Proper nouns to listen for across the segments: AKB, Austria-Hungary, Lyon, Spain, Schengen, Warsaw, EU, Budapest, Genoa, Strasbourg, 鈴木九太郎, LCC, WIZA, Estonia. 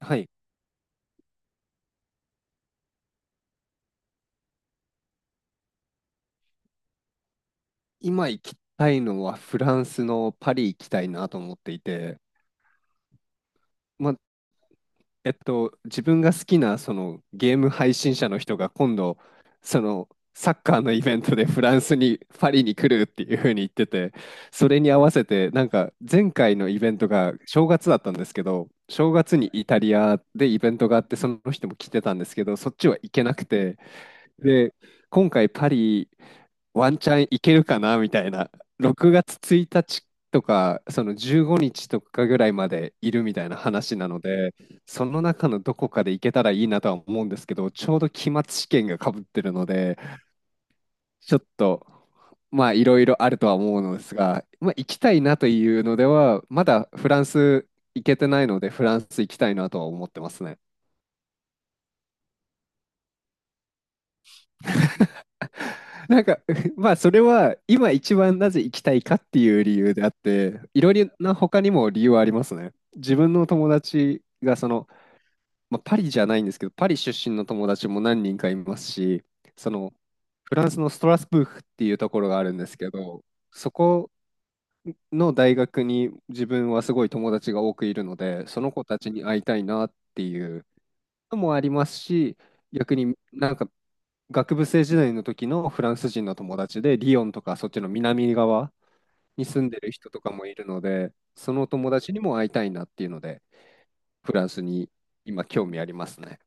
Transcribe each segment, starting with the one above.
はい、今行きたいのはフランスのパリ行きたいなと思っていて、まあ、自分が好きなそのゲーム配信者の人が今度、そのサッカーのイベントでフランスに、パリに来るっていうふうに言ってて、それに合わせて、なんか前回のイベントが正月だったんですけど、正月にイタリアでイベントがあって、その人も来てたんですけど、そっちは行けなくて、で、今回パリ、ワンチャン行けるかなみたいな、6月1日とか、その15日とかぐらいまでいるみたいな話なので、その中のどこかで行けたらいいなとは思うんですけど、ちょうど期末試験がかぶってるので、ちょっと、まあ、いろいろあるとは思うのですが、まあ、行きたいなというのでは、まだフランス行けてないので、フランス行きたいなとは思ってますね。なんか、まあ、それは今一番なぜ行きたいかっていう理由であって、いろいろな他にも理由はありますね。自分の友達がその、まあ、パリじゃないんですけど、パリ出身の友達も何人かいますし、その、フランスのストラスブーフっていうところがあるんですけど、そこの大学に自分はすごい友達が多くいるので、その子たちに会いたいなっていうのもありますし、逆になんか学部生時代の時のフランス人の友達で、リヨンとかそっちの南側に住んでる人とかもいるので、その友達にも会いたいなっていうので、フランスに今興味ありますね。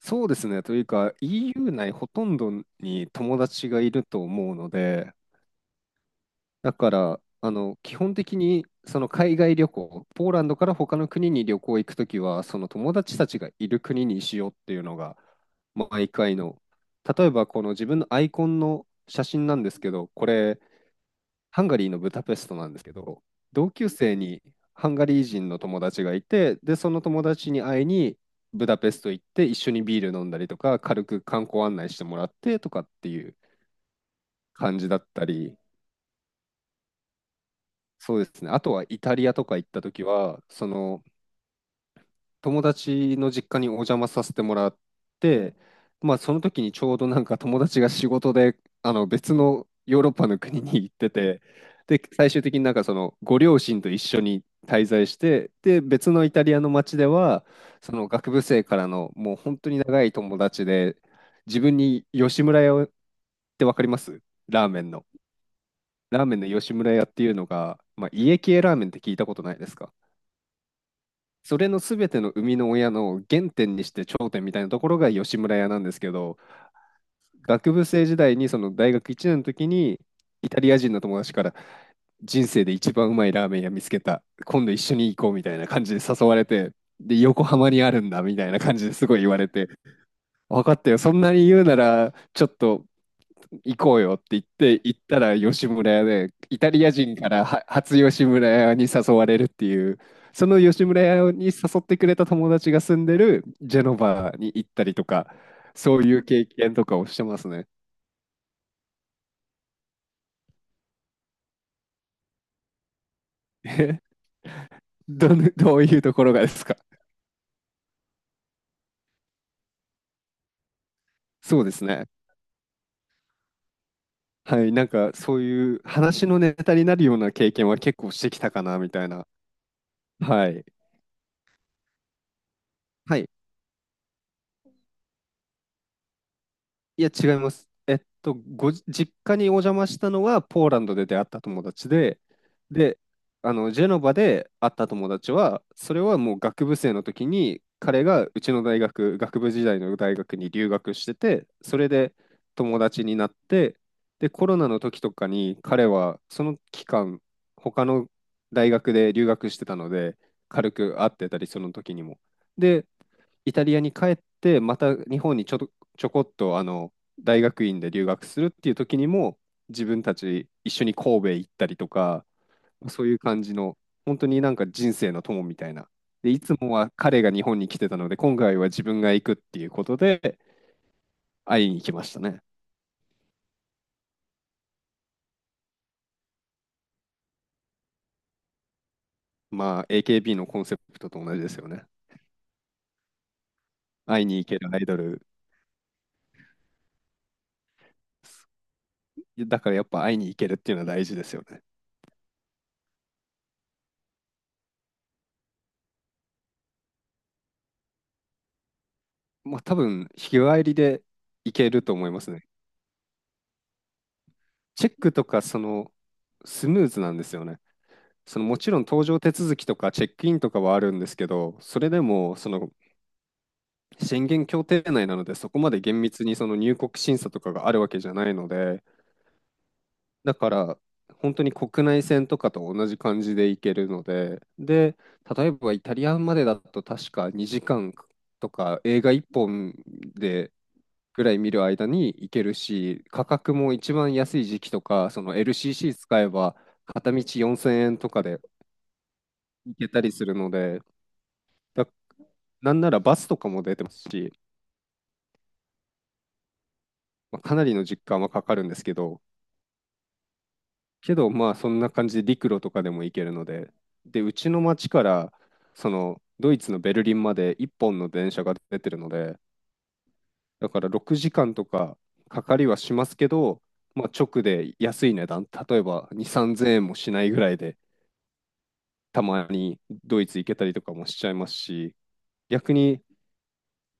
そうですね。というか EU 内ほとんどに友達がいると思うので、だから、あの、基本的に、その海外旅行、ポーランドから他の国に旅行行くときは、その友達たちがいる国にしようっていうのが、毎回の、例えばこの自分のアイコンの写真なんですけど、これ、ハンガリーのブダペストなんですけど、同級生にハンガリー人の友達がいて、で、その友達に会いに、ブダペスト行って、一緒にビール飲んだりとか、軽く観光案内してもらってとかっていう感じだったり、そうですね。あとはイタリアとか行った時は、その友達の実家にお邪魔させてもらって、まあその時にちょうどなんか友達が仕事であの別のヨーロッパの国に行ってて、で、最終的になんかそのご両親と一緒に滞在して、で、別のイタリアの町では、その学部生からのもう本当に長い友達で、自分に吉村屋をってわかります？ラーメンの。ラーメンの吉村屋っていうのが、まあ、家系ラーメンって聞いたことないですか？それの全ての生みの親の原点にして頂点みたいなところが吉村屋なんですけど、学部生時代にその大学1年の時にイタリア人の友達から、人生で一番うまいラーメン屋見つけた、今度一緒に行こうみたいな感じで誘われて、で横浜にあるんだみたいな感じですごい言われて、分かったよ、そんなに言うならちょっと行こうよって言って、行ったら吉村屋で、イタリア人からは初吉村屋に誘われるっていう、その吉村屋に誘ってくれた友達が住んでるジェノバに行ったりとか、そういう経験とかをしてますね。えどん、どういうところがですか？そうですね。はい、なんかそういう話のネタになるような経験は結構してきたかな、みたいな。はい。はいいや、違います。えっと、ご実家にお邪魔したのは、ポーランドで出会った友達で、で、あの、ジェノバで会った友達は、それはもう学部生の時に、彼がうちの大学、学部時代の大学に留学してて、それで友達になって、で、コロナの時とかに、彼はその期間、他の大学で留学してたので、軽く会ってたり、その時にも。で、イタリアに帰って、また日本にちょっと、ちょこっとあの大学院で留学するっていう時にも、自分たち一緒に神戸行ったりとか、そういう感じの、本当になんか人生の友みたいな。で、いつもは彼が日本に来てたので、今回は自分が行くっていうことで、会いに来ましたね。まあ、AKB のコンセプトと同じですよね。会いに行けるアイドル。だからやっぱ会いに行けるっていうのは大事ですよね。まあ、多分、日帰りで行けると思いますね。チェックとか、その、スムーズなんですよね。そのもちろん搭乗手続きとかチェックインとかはあるんですけど、それでもその宣言協定内なので、そこまで厳密にその入国審査とかがあるわけじゃないので、だから本当に国内線とかと同じ感じで行けるので、で、例えばイタリアまでだと確か2時間とか映画1本でぐらい見る間に行けるし、価格も一番安い時期とか、その LCC 使えば片道4000円とかで行けたりするので、だ、なんならバスとかも出てますし、まあ、かなりの時間はかかるんですけど、けどまあそんな感じで陸路とかでも行けるので、で、うちの町からそのドイツのベルリンまで1本の電車が出てるので、だから6時間とかかかりはしますけど、まあ、直で安い値段、例えば2、3000円もしないぐらいでたまにドイツ行けたりとかもしちゃいますし、逆に、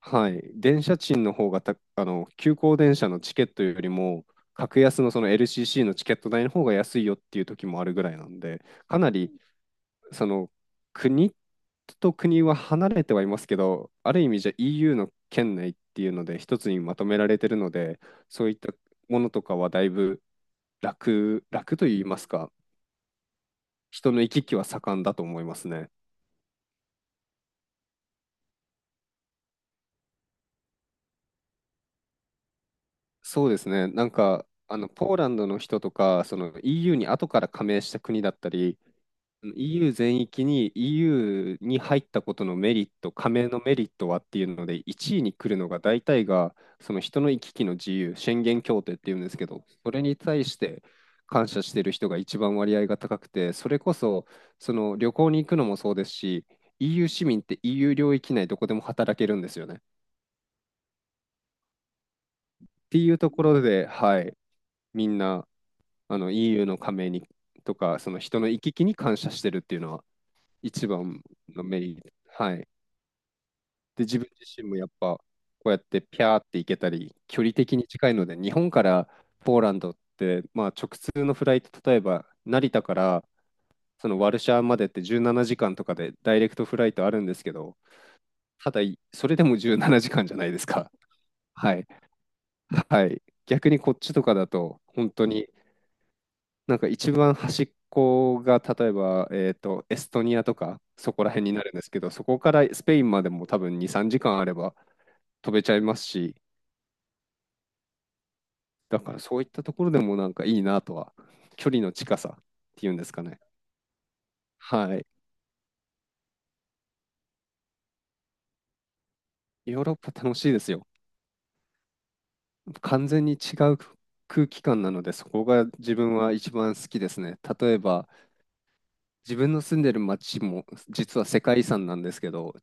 はい、電車賃の方が、あの、急行電車のチケットよりも、格安のその LCC のチケット代の方が安いよっていう時もあるぐらいなんで、かなり、その、国と国は離れてはいますけど、ある意味じゃ EU の圏内っていうので、一つにまとめられてるので、そういったものとかはだいぶ楽と言いますか、人の行き来は盛んだと思いますね。そうですね。なんか、あの、ポーランドの人とか、その EU に後から加盟した国だったり、EU 全域に EU に入ったことのメリット、加盟のメリットはっていうので、1位に来るのが大体が、その人の行き来の自由、宣言協定っていうんですけど、それに対して感謝してる人が一番割合が高くて、それこそ、その旅行に行くのもそうですし、EU 市民って EU 領域内どこでも働けるんですよね。っていうところで、はい。みんなあの EU の加盟にとか、その人の行き来に感謝してるっていうのは一番のメリット。はい。で、自分自身もやっぱこうやってピャーって行けたり、距離的に近いので、日本からポーランドって、まあ直通のフライト、例えば成田からそのワルシャワまでって17時間とかでダイレクトフライトあるんですけど、ただ、それでも17時間じかんじゃないですか。はい。はい。逆にこっちとかだと、本当になんか一番端っこが例えば、エストニアとかそこら辺になるんですけど、そこからスペインまでも多分2、3時間あれば飛べちゃいますし、だからそういったところでもなんかいいなとは、距離の近さっていうんですかね。はい。ヨーロッパ楽しいですよ。完全に違う空気感なので、そこが自分は一番好きですね。例えば、自分の住んでる街も実は世界遺産なんですけど、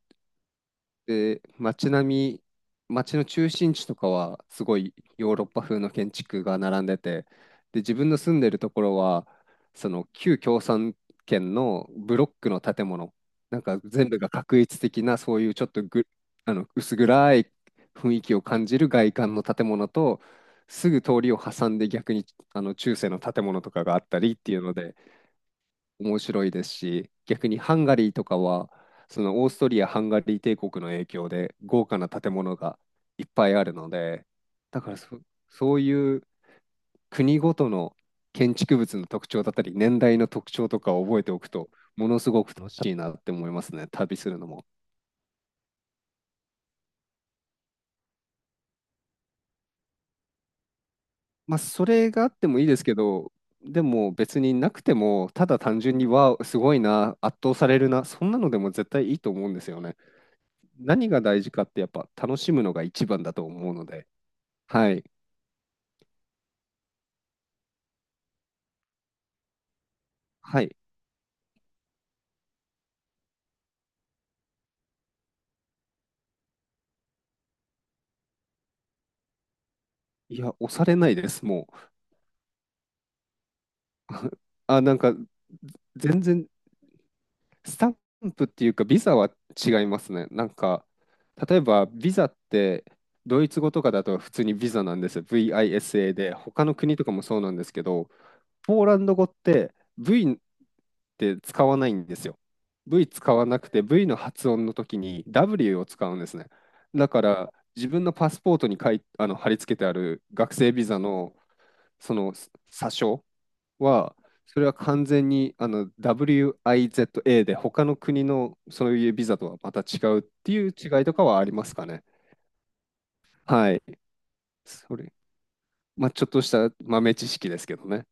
で、街並み、街の中心地とかはすごいヨーロッパ風の建築が並んでて、で、自分の住んでるところは、その旧共産圏のブロックの建物、なんか全部が画一的な、そういうちょっとぐ、あの薄暗い雰囲気を感じる外観の建物と、すぐ通りを挟んで逆にあの中世の建物とかがあったりっていうので、面白いですし、逆にハンガリーとかは、そのオーストリア・ハンガリー帝国の影響で豪華な建物がいっぱいあるので、だからそ、そういう国ごとの建築物の特徴だったり、年代の特徴とかを覚えておくと、ものすごく楽しいなって思いますね、旅するのも。まあ、それがあってもいいですけど、でも別になくても、ただ単純に、わあ、すごいな、圧倒されるな、そんなのでも絶対いいと思うんですよね。何が大事かってやっぱ楽しむのが一番だと思うので、はい、はい。いや、押されないです、もう。あ、なんか、全然、スタンプっていうか、ビザは違いますね。なんか、例えば、ビザって、ドイツ語とかだと普通にビザなんですよ。VISA で、他の国とかもそうなんですけど、ポーランド語って V って使わないんですよ。V 使わなくて V の発音の時に W を使うんですね。だから自分のパスポートにあの貼り付けてある学生ビザのその査証は、それは完全にあの WIZA で他の国のそういうビザとはまた違うっていう違いとかはありますかね。はい。それ、まあ、ちょっとした豆知識ですけどね。